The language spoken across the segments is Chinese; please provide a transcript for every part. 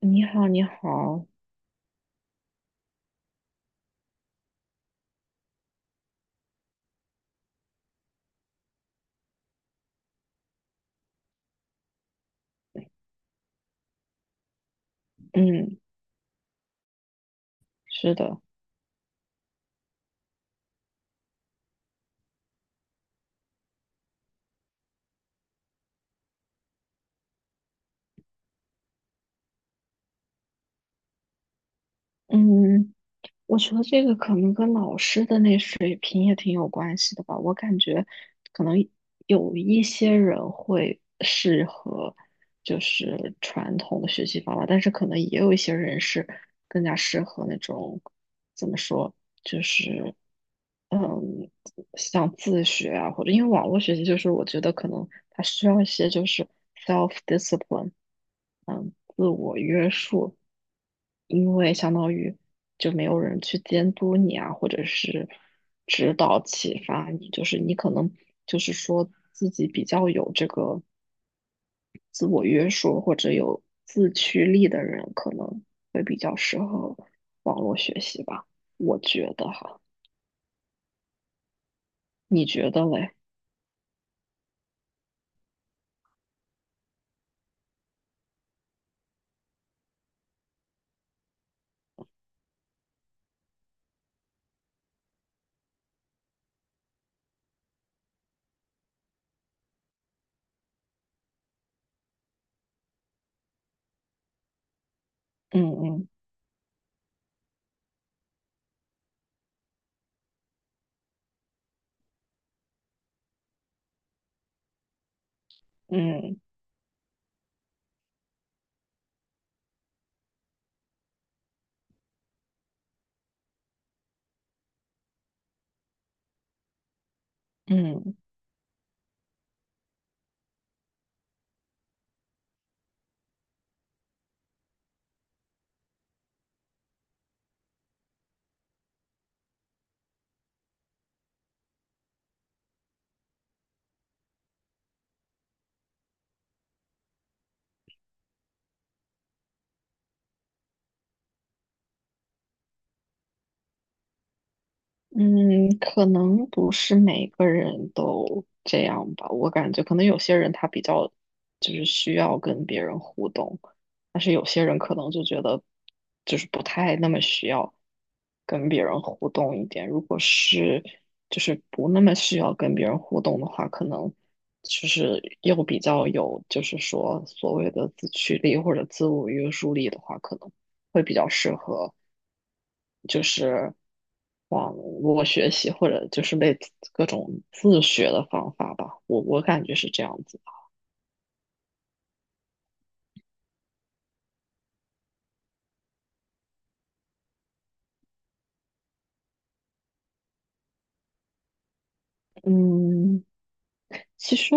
你好，你好，嗯，是的，嗯，我觉得这个可能跟老师的那水平也挺有关系的吧。我感觉可能有一些人会适合就是传统的学习方法，但是可能也有一些人是更加适合那种怎么说，就是嗯，像自学啊，或者因为网络学习，就是我觉得可能他需要一些就是 self discipline。自我约束，因为相当于就没有人去监督你啊，或者是指导启发你，就是你可能就是说自己比较有这个自我约束或者有自驱力的人，可能会比较适合网络学习吧，我觉得哈，你觉得嘞？嗯嗯嗯嗯。嗯，可能不是每个人都这样吧。我感觉可能有些人他比较就是需要跟别人互动，但是有些人可能就觉得就是不太那么需要跟别人互动一点。如果是就是不那么需要跟别人互动的话，可能就是又比较有就是说所谓的自驱力或者自我约束力的话，可能会比较适合。就是网络学习或者就是类似各种自学的方法吧，我感觉是这样子。嗯，其实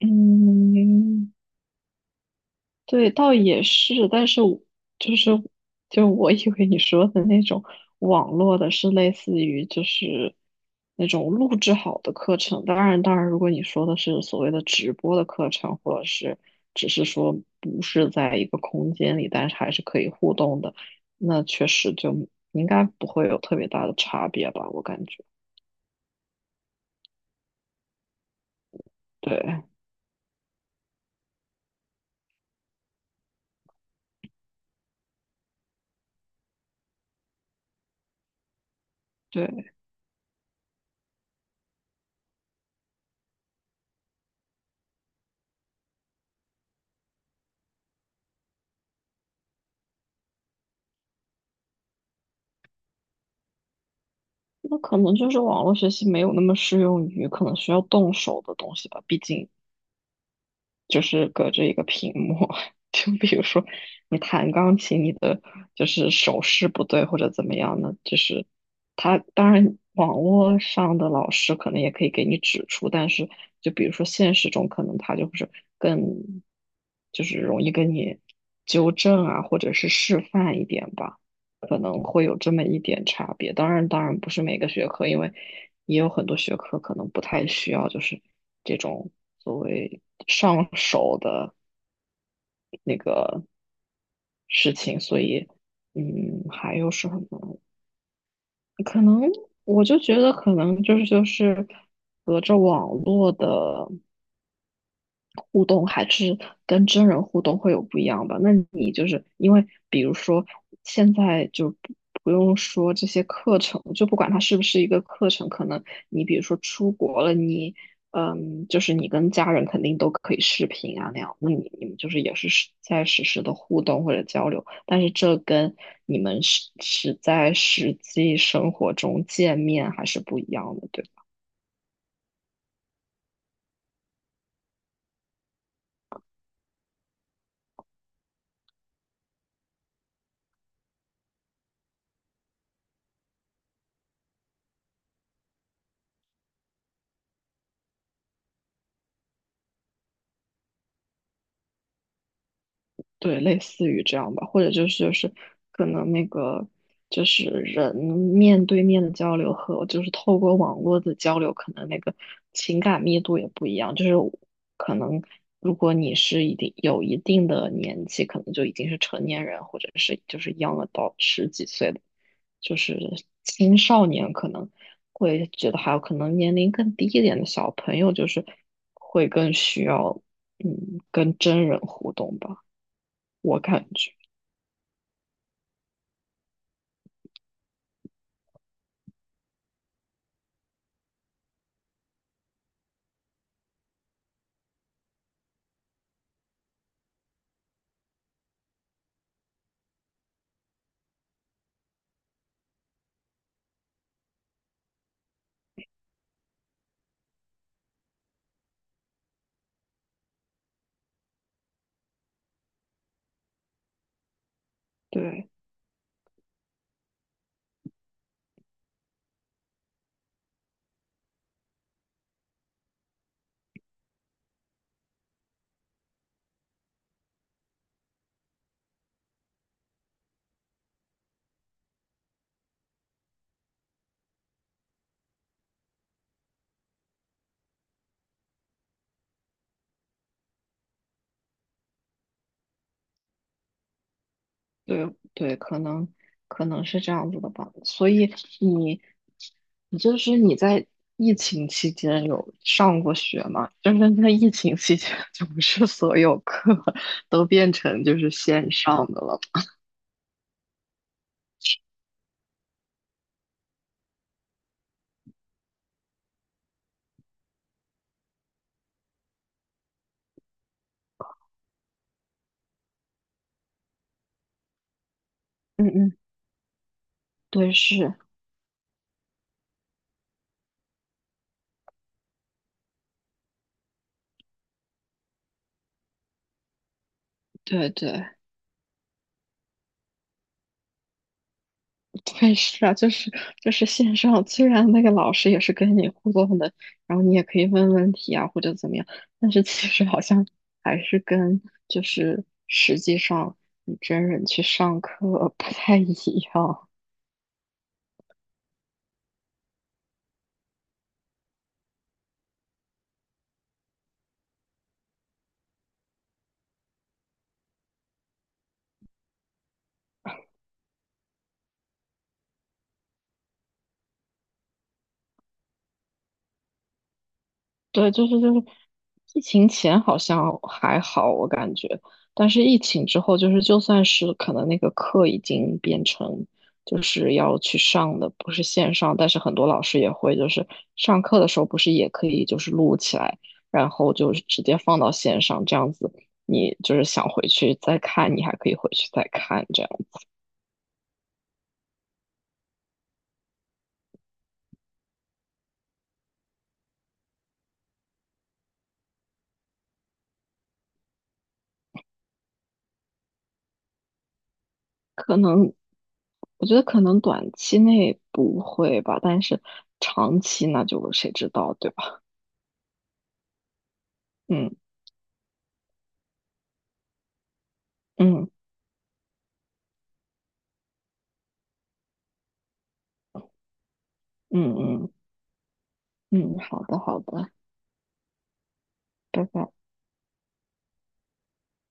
嗯。对，倒也是，但是我就是就我以为你说的那种网络的是类似于就是那种录制好的课程，当然当然，如果你说的是所谓的直播的课程，或者是只是说不是在一个空间里，但是还是可以互动的，那确实就应该不会有特别大的差别吧，我感觉。对对，那可能就是网络学习没有那么适用于可能需要动手的东西吧，毕竟。就是隔着一个屏幕。就比如说你弹钢琴，你的就是手势不对或者怎么样呢？就是他当然网络上的老师可能也可以给你指出，但是就比如说现实中，可能他就是更就是容易跟你纠正啊，或者是示范一点吧。可能会有这么一点差别。当然，当然不是每个学科，因为也有很多学科可能不太需要，就是这种所谓上手的那个事情，所以，还有什么？可能我就觉得，可能就是隔着网络的。互动还是跟真人互动会有不一样吧？那你就是因为，比如说现在就不用说这些课程，就不管它是不是一个课程，可能你比如说出国了，就是你跟家人肯定都可以视频啊那样，那你们就是也是实时的互动或者交流，但是这跟你们是在实际生活中见面还是不一样的，对吧。对，类似于这样吧，或者就是可能那个就是人面对面的交流和就是透过网络的交流，可能那个情感密度也不一样。就是可能如果你是一定有一定的年纪，可能就已经是成年人，或者是就是 young a d 十几岁的，就是青少年可能会觉得还有可能年龄更低一点的小朋友，就是会更需要跟真人互动吧。我感觉，对对对，可能是这样子的吧。所以你你就是你在疫情期间有上过学吗？就是在疫情期间，就不是所有课 都变成就是线上的了。嗯嗯，对，是，对对。对，是啊，就是线上，虽然那个老师也是跟你互动的，然后你也可以问问题啊，或者怎么样，但是其实好像还是跟就是实际上你真人去上课不太一样。对，就是疫情前好像还好，我感觉，但是疫情之后，就是就算是可能那个课已经变成就是要去上的，不是线上，但是很多老师也会就是上课的时候不是也可以就是录起来，然后就是直接放到线上，这样子你就是想回去再看，你还可以回去再看，这样可能我觉得可能短期内不会吧，但是长期那就谁知道，对吧？嗯嗯。嗯嗯嗯，好的好的，拜拜。